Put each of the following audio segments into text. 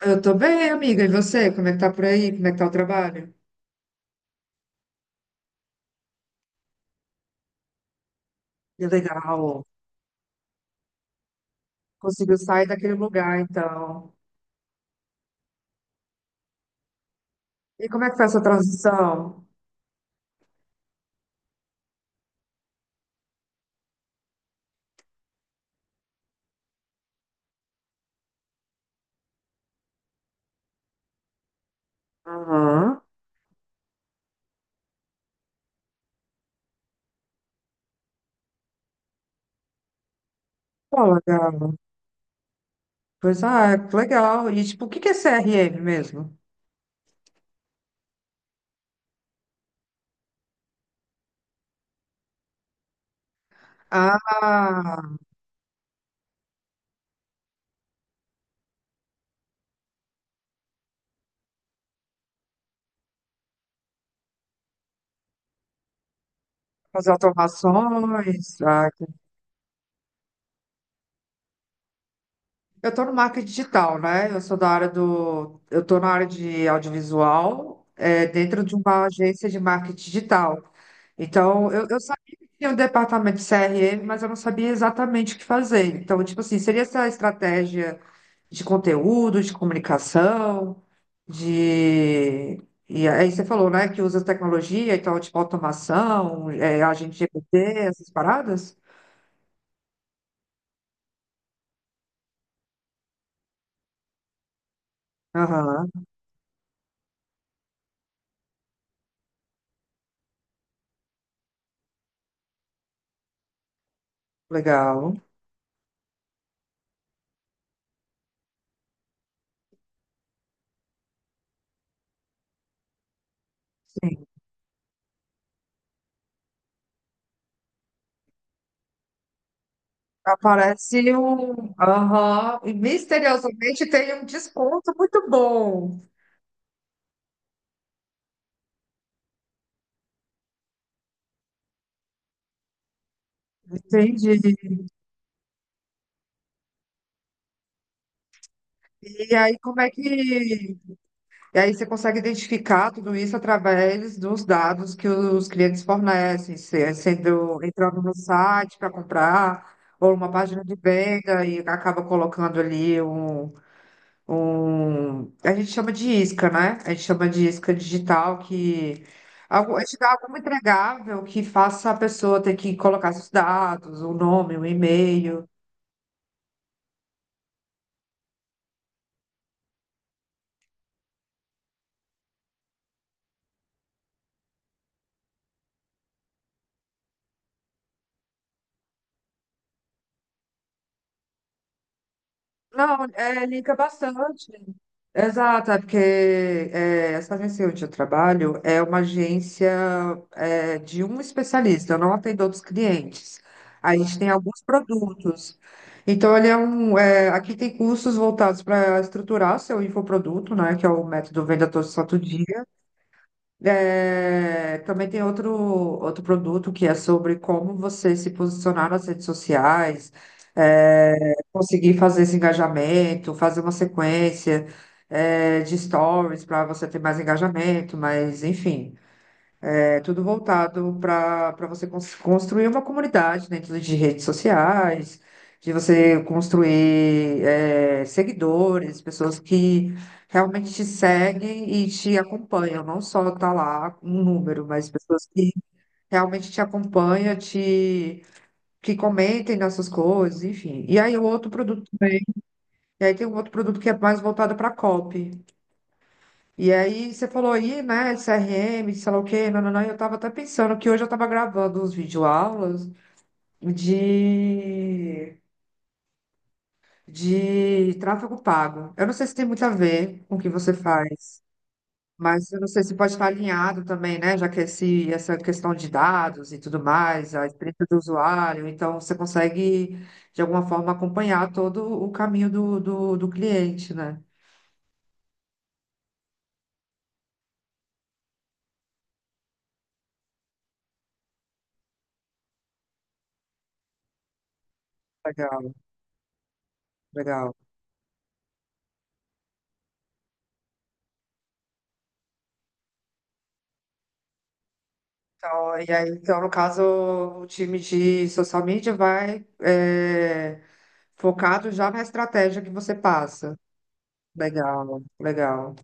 Eu tô bem, amiga. E você? Como é que tá por aí? Como é que tá o trabalho? Que legal. Conseguiu sair daquele lugar, então. E como é que foi essa transição? Aham. Pô, legal. Pois ah, que legal. E tipo, o que é CRM mesmo? Ah, fazer automações. Ah, eu estou no marketing digital, né? Eu sou da área do. Eu estou na área de audiovisual, é, dentro de uma agência de marketing digital. Então, eu sabia que tinha um departamento de CRM, mas eu não sabia exatamente o que fazer. Então, tipo assim, seria essa estratégia de conteúdo, de comunicação, de. E aí você falou, né, que usa tecnologia, então, tipo, automação, é, agente GPT, essas paradas? Aham, legal. Aparece um. Aham. E misteriosamente tem um desconto muito bom. Entendi. E aí, como é que. E aí, você consegue identificar tudo isso através dos dados que os clientes fornecem, é sendo entrando no site para comprar, ou uma página de venda, e acaba colocando ali um, a gente chama de isca, né? A gente chama de isca digital que a gente dá alguma entregável que faça a pessoa ter que colocar seus dados, o nome, o e-mail. Não, é, liga bastante. Exato, é porque é, essa agência onde eu trabalho é uma agência é, de um especialista, eu não atendo outros clientes. A gente tem alguns produtos. Então, ele é um, é, aqui tem cursos voltados para estruturar seu infoproduto, né, que é o método Venda Todo Santo Dia. É, também tem outro, outro produto que é sobre como você se posicionar nas redes sociais, é, conseguir fazer esse engajamento, fazer uma sequência, é, de stories para você ter mais engajamento, mas enfim. É tudo voltado para você construir uma comunidade dentro de redes sociais, de você construir é, seguidores, pessoas que realmente te seguem e te acompanham, não só tá lá um número, mas pessoas que realmente te acompanham, te que comentem nas suas coisas, enfim. E aí o outro produto também. E aí tem um outro produto que é mais voltado para copy. E aí você falou aí, né, CRM, sei lá o quê. Não, não, não. Eu tava até pensando que hoje eu tava gravando uns videoaulas de, de tráfego pago. Eu não sei se tem muito a ver com o que você faz, mas eu não sei se pode estar alinhado também, né, já que esse, essa questão de dados e tudo mais, a experiência do usuário, então você consegue, de alguma forma, acompanhar todo o caminho do cliente, né? Legal, legal. Então, e aí, então, no caso, o time de social media vai é, focado já na estratégia que você passa. Legal, legal.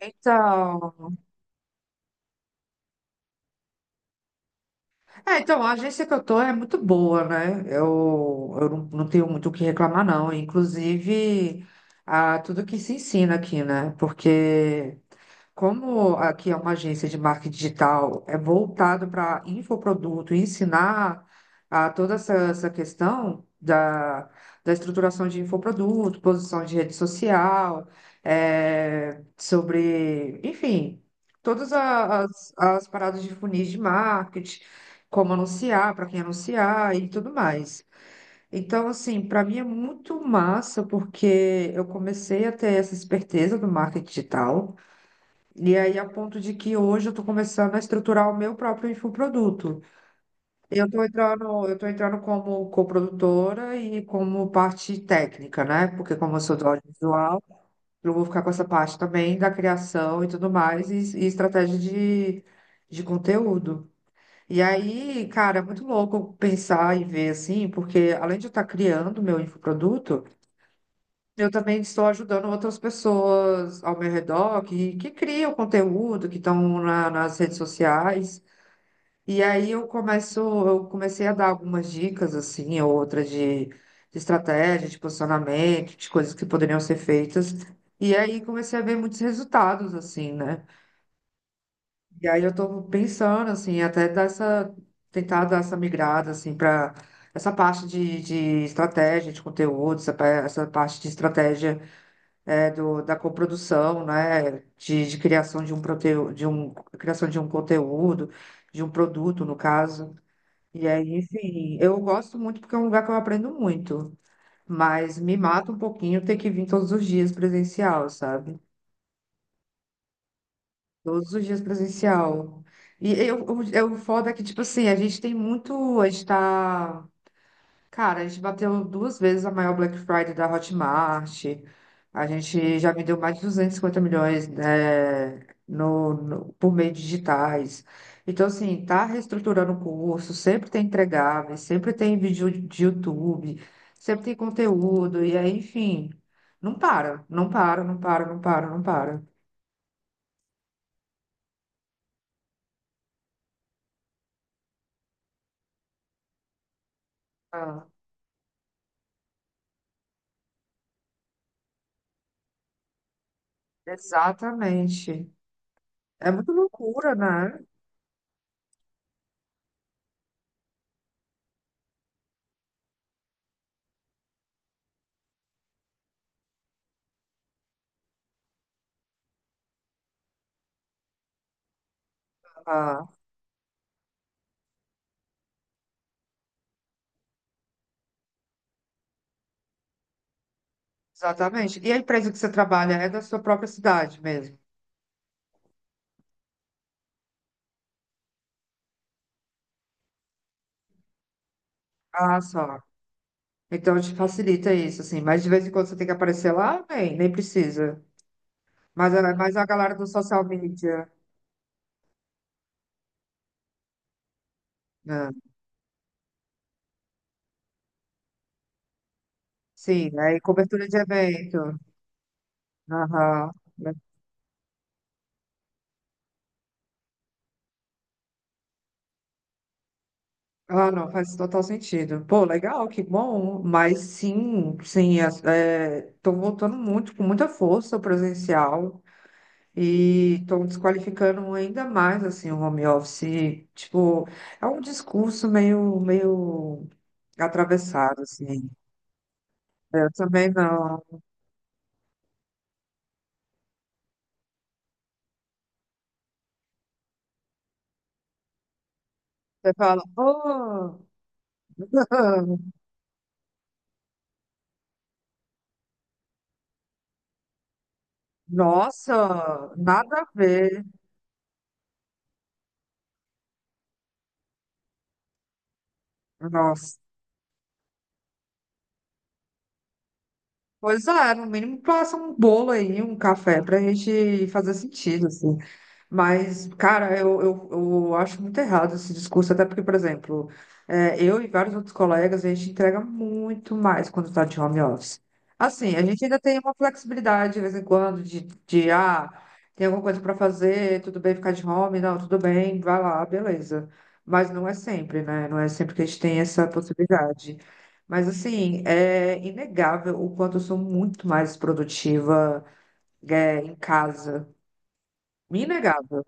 Então, é, então, a agência que eu tô é muito boa, né? Eu não, não tenho muito o que reclamar, não. Inclusive, a, tudo que se ensina aqui, né? Porque como aqui é uma agência de marketing digital, é voltado para infoproduto, ensinar a toda essa, essa questão da, da estruturação de infoproduto, posição de rede social, é sobre, enfim, todas as, as paradas de funis de marketing, como anunciar, para quem anunciar e tudo mais. Então, assim, para mim é muito massa, porque eu comecei a ter essa esperteza do marketing digital. E aí, a ponto de que hoje eu estou começando a estruturar o meu próprio infoproduto. Eu estou entrando como coprodutora e como parte técnica, né? Porque como eu sou do audiovisual, eu vou ficar com essa parte também da criação e tudo mais, e estratégia de conteúdo. E aí, cara, é muito louco pensar e ver assim, porque além de eu estar criando meu infoproduto, eu também estou ajudando outras pessoas ao meu redor que criam conteúdo, que estão nas redes sociais. E aí eu comecei a dar algumas dicas, assim, ou outras de estratégia, de posicionamento, de coisas que poderiam ser feitas. E aí comecei a ver muitos resultados, assim, né? E aí eu estou pensando, assim, até dar essa, tentar dar essa migrada, assim, para essa parte de estratégia, de conteúdo, essa, essa parte de estratégia é, do, da coprodução, né, de criação de um proteu, de um criação de um conteúdo, de um produto, no caso. E aí, enfim, eu gosto muito porque é um lugar que eu aprendo muito, mas me mata um pouquinho ter que vir todos os dias presencial, sabe? Todos os dias presencial. E eu foda é que, tipo assim, a gente tem muito, a gente tá cara, a gente bateu duas vezes a maior Black Friday da Hotmart. A gente já vendeu mais de 250 milhões, né, por meio de digitais. Então, assim, tá reestruturando o curso, sempre tem entregáveis, sempre tem vídeo de YouTube, sempre tem conteúdo, e aí, enfim, não para, não para, não para, não para, não para. Ah, exatamente. É muito loucura, né? Ah, exatamente. E a empresa que você trabalha é da sua própria cidade mesmo? Ah, só. Então te facilita isso, assim. Mas de vez em quando você tem que aparecer lá, nem, nem precisa. Mas, mas a galera do social media, né? Sim, aí cobertura de evento. Aham. Ah, não, faz total sentido. Pô, legal, que bom. Mas sim, sim, estou voltando muito, com muita força ao presencial e estou desqualificando ainda mais, assim, o home office. Tipo, é um discurso meio, meio atravessado, assim. Eu também não. Você fala, oh, nossa, nada a ver. Nossa. Pois é, no mínimo passa um bolo aí, um café, pra gente fazer sentido, assim. Mas, cara, eu acho muito errado esse discurso, até porque, por exemplo, é, eu e vários outros colegas, a gente entrega muito mais quando está de home office. Assim, a gente ainda tem uma flexibilidade de vez em quando, de ah, tem alguma coisa para fazer, tudo bem ficar de home, não, tudo bem, vai lá, beleza. Mas não é sempre, né? Não é sempre que a gente tem essa possibilidade. Mas, assim, é inegável o quanto eu sou muito mais produtiva, é, em casa. Inegável.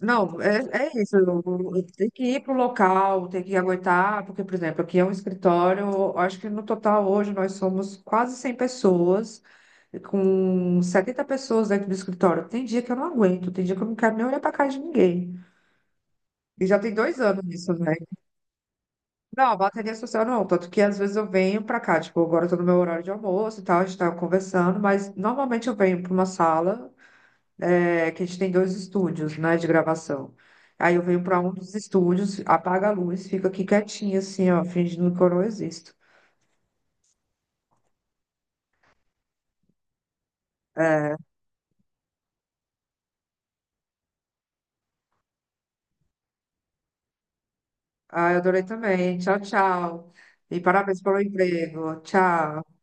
Não, é, é isso. Eu tenho que ir para o local, tenho que aguentar, porque, por exemplo, aqui é um escritório, eu acho que no total hoje nós somos quase 100 pessoas, com 70 pessoas dentro do escritório. Tem dia que eu não aguento, tem dia que eu não quero nem olhar para a cara de ninguém. E já tem dois anos isso, né? Não, bateria social não. Tanto que às vezes eu venho pra cá, tipo, agora eu tô no meu horário de almoço e tal, a gente tá conversando, mas normalmente eu venho pra uma sala, é, que a gente tem dois estúdios, né, de gravação. Aí eu venho pra um dos estúdios, apaga a luz, fica aqui quietinha, assim, ó, fingindo que eu não existo. Ah, eu adorei também. Tchau, tchau. E parabéns pelo emprego. Tchau.